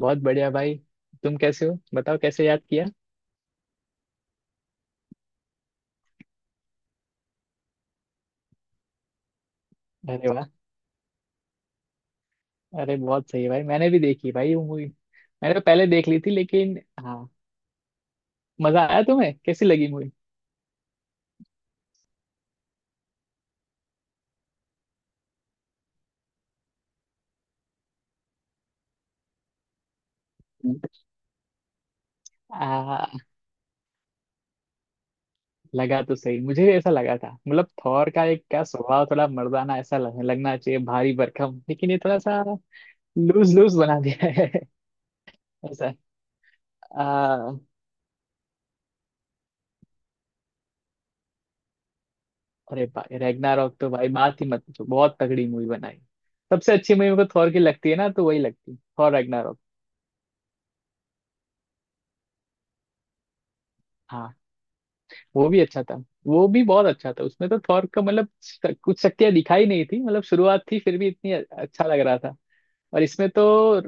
बहुत बढ़िया भाई। तुम कैसे हो बताओ, कैसे याद किया? अरे वाह, अरे बहुत सही भाई, मैंने भी देखी भाई वो मूवी। मैंने तो पहले देख ली थी लेकिन। हाँ, मजा आया, तुम्हें कैसी लगी मूवी? आ, लगा, तो सही मुझे भी ऐसा लगा था। मतलब थॉर का एक क्या स्वभाव थोड़ा मर्दाना ऐसा लगना चाहिए भारी भरकम, लेकिन ये थोड़ा सा लूज लूज बना दिया है। ऐसा। आ, अरे भाई रैग्नारॉक तो भाई बात ही मत पूछो, बहुत तगड़ी मूवी बनाई। सबसे अच्छी मूवी मेरे को थॉर की लगती है ना, तो वही लगती है थॉर रैग्नारॉक। वो भी अच्छा था, वो भी बहुत अच्छा था। उसमें तो थॉर का मतलब कुछ शक्तियां दिखाई नहीं थी, मतलब शुरुआत थी, फिर भी इतनी अच्छा लग रहा था। और इसमें तो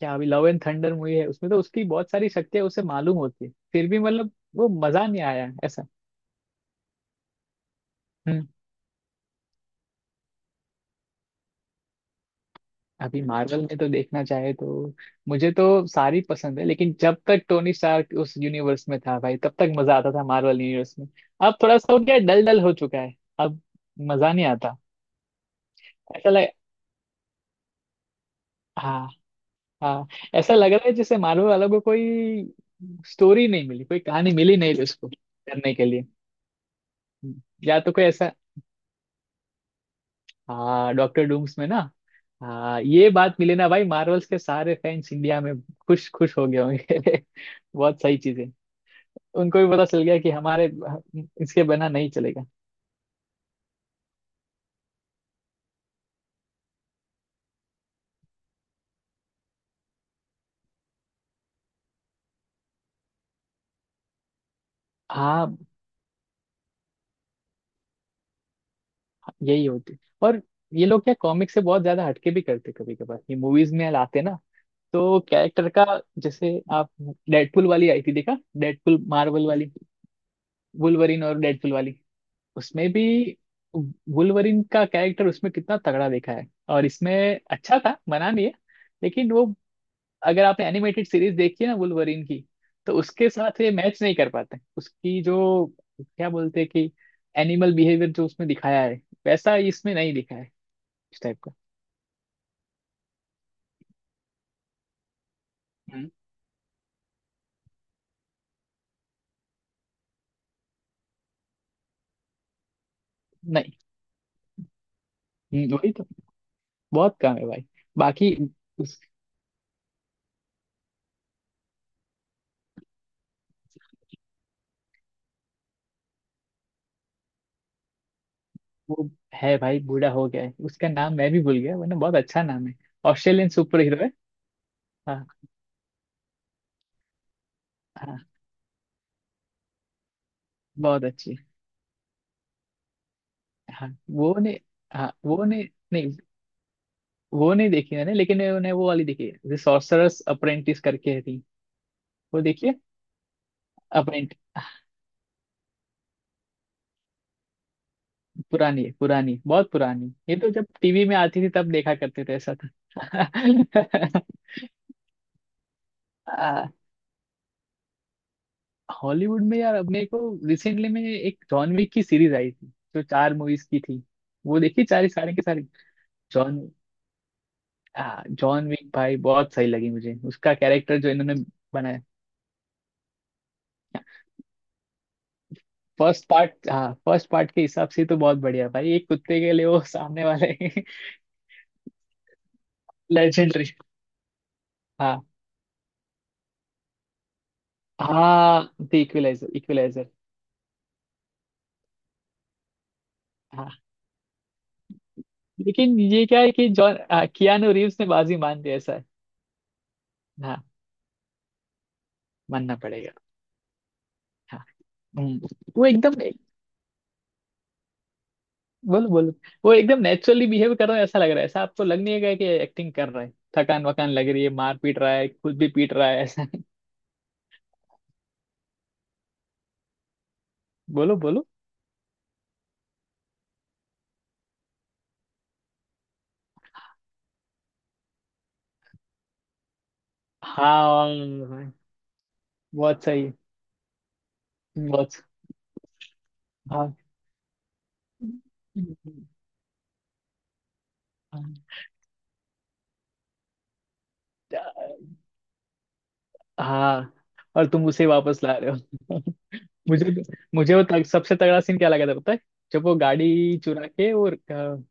क्या, अभी लव एंड थंडर मूवी है उसमें तो उसकी बहुत सारी शक्तियां उसे मालूम होती है, फिर भी मतलब वो मजा नहीं आया ऐसा। हम्म। अभी मार्वल में तो देखना चाहे तो मुझे तो सारी पसंद है, लेकिन जब तक टोनी स्टार्क उस यूनिवर्स में था भाई तब तक मजा आता था मार्वल यूनिवर्स में। अब थोड़ा सा हो गया, डल डल हो चुका है। अब मजा नहीं आता। ऐसा लग हाँ। हाँ, ऐसा लग रहा है जैसे मार्वल वालों को कोई स्टोरी नहीं मिली, कोई कहानी मिली नहीं उसको करने के लिए। या तो कोई ऐसा। हाँ, डॉक्टर डूम्स में ना। हाँ ये बात मिली ना भाई, मार्वल्स के सारे फैंस इंडिया में खुश खुश हो गए होंगे। बहुत सही चीज है। उनको भी पता चल गया कि हमारे इसके बिना नहीं चलेगा। हाँ, यही होती। और ये लोग क्या कॉमिक से बहुत ज्यादा हटके भी करते कभी कभार, ये मूवीज में लाते ना तो कैरेक्टर का। जैसे आप डेडपुल वाली आई थी, देखा डेडपुल मार्वल वाली, वुल्वरिन और डेडपुल वाली, उसमें भी वुल्वरिन का कैरेक्टर उसमें कितना तगड़ा देखा है, और इसमें अच्छा था, मना नहीं है लेकिन वो, अगर आपने एनिमेटेड सीरीज देखी है ना वुल्वरिन की, तो उसके साथ ये मैच नहीं कर पाते। उसकी जो क्या बोलते हैं कि एनिमल बिहेवियर जो उसमें दिखाया है, वैसा इसमें नहीं दिखा है इस टाइप का। हम्म। नहीं। वही तो बहुत कम है भाई। बाकी वो है भाई, बूढ़ा हो गया है। उसका नाम मैं भी भूल गया, वरना बहुत अच्छा नाम है। ऑस्ट्रेलियन सुपर हीरो है। हाँ हाँ, बहुत अच्छी। हाँ वो ने, हाँ वो ने, नहीं, वो नहीं देखी मैंने, लेकिन मैंने वो वाली देखी है सॉर्सरर्स अप्रेंटिस करके है थी। वो देखिए। अप्रेंट पुरानी है, पुरानी बहुत पुरानी। ये तो जब टीवी में आती थी तब देखा करते थे ऐसा था। आ, हॉलीवुड में यार अपने को रिसेंटली में एक जॉन विक की सीरीज आई थी, जो चार मूवीज की थी। वो देखी चार सारे के सारे। जॉन, हाँ जॉन विक भाई, बहुत सही लगी मुझे। उसका कैरेक्टर जो इन्होंने बनाया। फर्स्ट पार्ट, हाँ फर्स्ट पार्ट के हिसाब से तो बहुत बढ़िया भाई, एक कुत्ते के लिए वो सामने वाले। लेजेंडरी। हाँ हाँ, द इक्विलाइजर, इक्विलाइजर। हाँ, लेकिन ये क्या है कि जॉन, कियानो रीव्स ने बाजी मान दी ऐसा है। हाँ, मानना पड़ेगा। हाँ। हम्म, वो एकदम। बोलो बोलो, वो एकदम नेचुरली बिहेव कर रहा है ऐसा लग रहा है। ऐसा आपको लग नहीं है कि एक्टिंग कर रहा है? थकान वकान लग रही है, मार पीट रहा है, खुद भी पीट रहा है ऐसा। बोलो बोलो। हाँ हाँ, हाँ, बहुत सही, बहुत, हाँ हाँ। और तुम उसे वापस ला रहे हो? मुझे मुझे सबसे तगड़ा सीन क्या लगा था पता है? जब वो गाड़ी चुरा के वो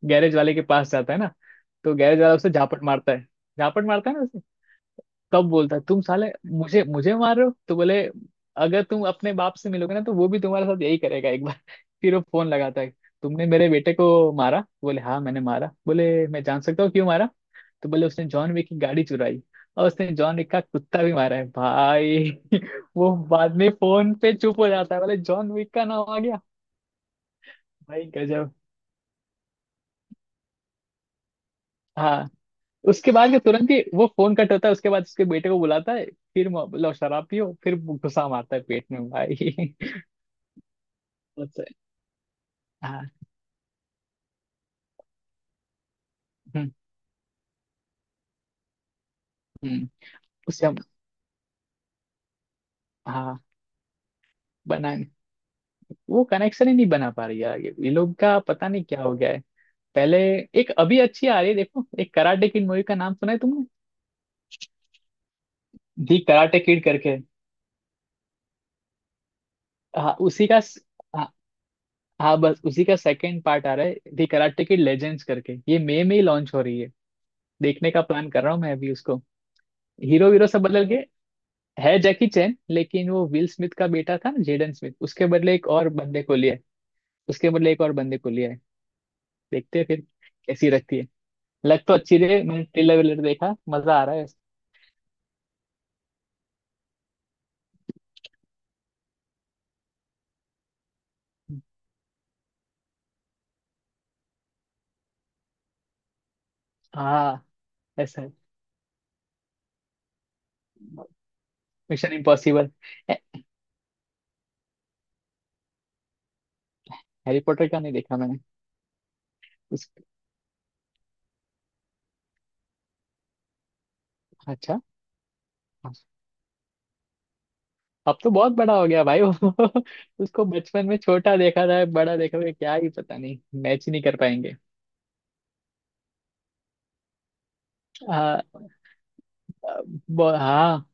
गैरेज वाले के पास जाता है ना, तो गैरेज वाला उसे झापट मारता है, झापट मारता है ना। कब बोलता है तुम साले मुझे मुझे मार रहे हो, तो बोले अगर तुम अपने बाप से मिलोगे ना तो वो भी तुम्हारे साथ यही करेगा एक बार। फिर वो फोन लगाता है, तुमने मेरे बेटे को मारा, बोले हाँ मैंने मारा, बोले मैं जान सकता हूँ क्यों मारा, तो बोले उसने जॉन विक की गाड़ी चुराई, और उसने जॉन विक का कुत्ता भी मारा है भाई। वो बाद में फोन पे चुप हो जाता है, बोले जॉन विक का नाम आ गया। भाई गजब। हाँ, उसके बाद के तुरंत ही वो फोन कट होता है, उसके बाद उसके बेटे को बुलाता है। फिर लो शराब पियो, फिर गुस्सा मारता है पेट में भाई। बहुत सही। हाँ। हम्म। हम्म। उसे हम, हाँ बना, वो कनेक्शन ही नहीं बना पा रही यार ये लोग का पता नहीं क्या हो गया है। पहले एक अभी अच्छी आ रही है, देखो एक कराटे किड मूवी का नाम सुना है तुमने? दी कराटे किड करके। हाँ हाँ हाँ, बस उसी का सेकंड पार्ट आ रहा है, दी कराटे किड लेजेंड्स करके, ये मई में ही लॉन्च हो रही है। देखने का प्लान कर रहा हूँ मैं अभी उसको। हीरो वीरो सब बदल गए है, जैकी चैन लेकिन वो विल स्मिथ का बेटा था ना, जेडन स्मिथ, उसके बदले एक और बंदे को लिया है। उसके बदले एक और बंदे को लिया है, देखते हैं फिर कैसी रहती है। लग तो अच्छी रही है, मैंने ट्रेलर वेलर देखा, मजा आ रहा है। हाँ, ऐसा है। Mission impossible. हैरी पॉटर का नहीं देखा मैंने। उस, अच्छा, अब तो बहुत बड़ा हो गया भाई वो। उसको बचपन में छोटा देखा था, बड़ा देखा हुआ क्या ही, पता नहीं मैच ही नहीं कर पाएंगे। हाँ हाँ,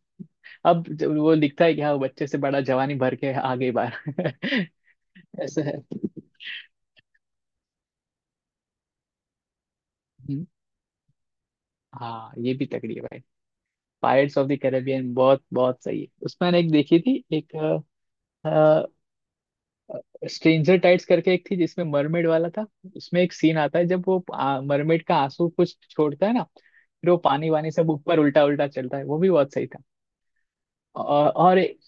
अब जब वो दिखता है कि हाँ वो बच्चे से बड़ा जवानी भर के आगे बार। ऐसा है। हम्म, हाँ ये भी तगड़ी है भाई। पायरेट्स ऑफ द कैरेबियन बहुत बहुत सही है। उसमें मैंने एक देखी थी, एक स्ट्रेंजर टाइट्स करके एक थी जिसमें मरमेड वाला था। उसमें एक सीन आता है जब वो मरमेड का आंसू कुछ छोड़ता है ना, फिर वो पानी वानी सब ऊपर उल्टा उल्टा चलता है, वो भी बहुत सही था। और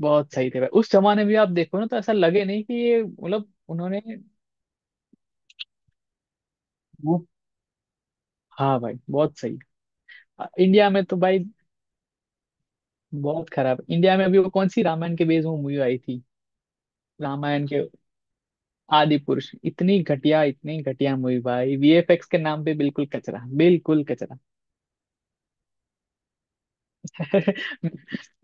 बहुत सही थे भाई, उस जमाने में आप देखो ना तो ऐसा लगे नहीं कि ये मतलब उन्होंने, वो हाँ भाई बहुत सही। इंडिया में तो भाई बहुत खराब। इंडिया में अभी वो कौन सी रामायण के बेस में मूवी आई थी, रामायण के, आदि पुरुष इतनी घटिया, इतनी घटिया मूवी भाई, वीएफएक्स के नाम पे बिल्कुल कचरा, बिल्कुल कचरा।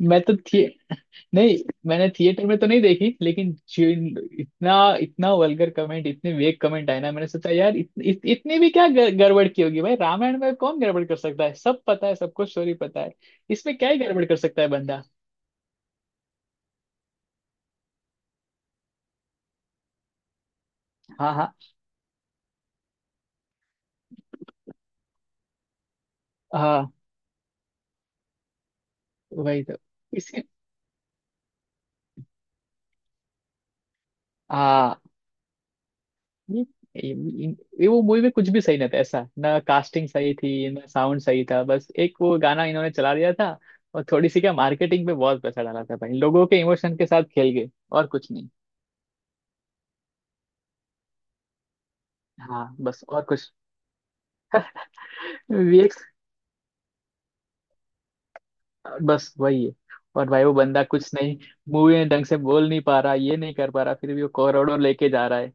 मैं तो थिए नहीं, मैंने थिएटर में तो नहीं देखी, लेकिन जिन, इतना, इतना वल्गर कमेंट, इतने वेक कमेंट आए ना, मैंने सोचा यार इत, इत, इतनी भी क्या गड़बड़ की होगी भाई। रामायण में कौन गड़बड़ कर सकता है, सब पता है सबको, स्टोरी पता है, इसमें क्या ही गड़बड़ कर सकता है बंदा? हाँ हाँ हाँ, वही तो। इसके, हाँ ये- वो मूवी में कुछ भी सही नहीं था। ऐसा ना कास्टिंग सही थी, ना साउंड सही था, बस एक वो गाना इन्होंने चला दिया था और थोड़ी सी क्या मार्केटिंग पे बहुत पैसा डाला था भाई, लोगों के इमोशन के साथ खेल गए और कुछ नहीं। हाँ बस और कुछ, वीएक्स बस वही है। और भाई वो बंदा कुछ नहीं, मूवी में ढंग से बोल नहीं पा रहा, ये नहीं कर पा रहा, फिर भी वो करोड़ों लेके जा रहा है।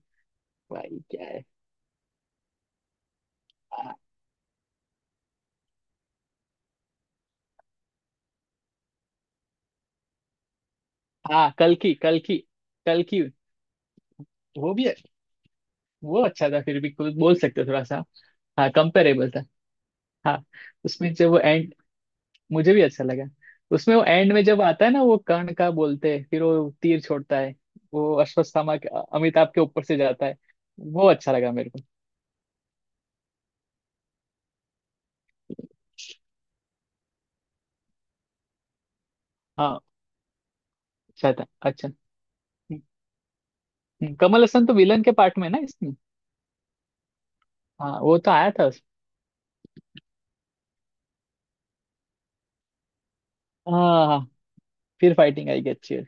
भाई क्या है? हाँ हाँ, कल की कल की। वो भी है, वो अच्छा था, फिर भी कुछ बोल सकते हो थोड़ा सा। हाँ, कंपेरेबल था। हाँ, उसमें जब वो एंड, मुझे भी अच्छा लगा। उसमें वो एंड में जब आता है ना वो कर्ण का बोलते हैं, फिर वो तीर छोड़ता है, वो अश्वत्थामा के, अमिताभ के ऊपर से जाता है, वो अच्छा लगा मेरे को। हाँ अच्छा था, अच्छा। कमल हसन तो विलन के पार्ट में है ना इसमें। हाँ वो तो आया था उसमें। हाँ हाँ, फिर फाइटिंग आएगी, अच्छी है।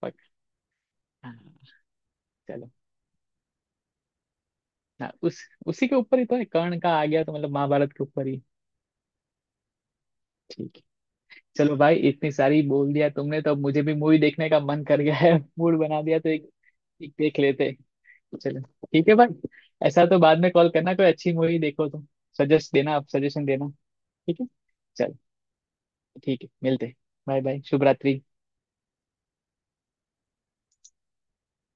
पक-, हाँ, चलो। हाँ उस, उसी के ऊपर ही तो है, कर्ण का आ गया तो मतलब महाभारत के ऊपर ही। ठीक है। चलो भाई इतनी सारी बोल दिया तुमने तो अब मुझे भी मूवी देखने का मन कर गया है। मूड बना दिया तो एक, ठीक देख लेते, चलो। ठीक है भाई, ऐसा तो बाद में कॉल करना कोई अच्छी मूवी देखो तो, सजेस्ट देना, आप सजेशन देना। ठीक है, चलो। ठीक है मिलते, बाय बाय, शुभ रात्रि।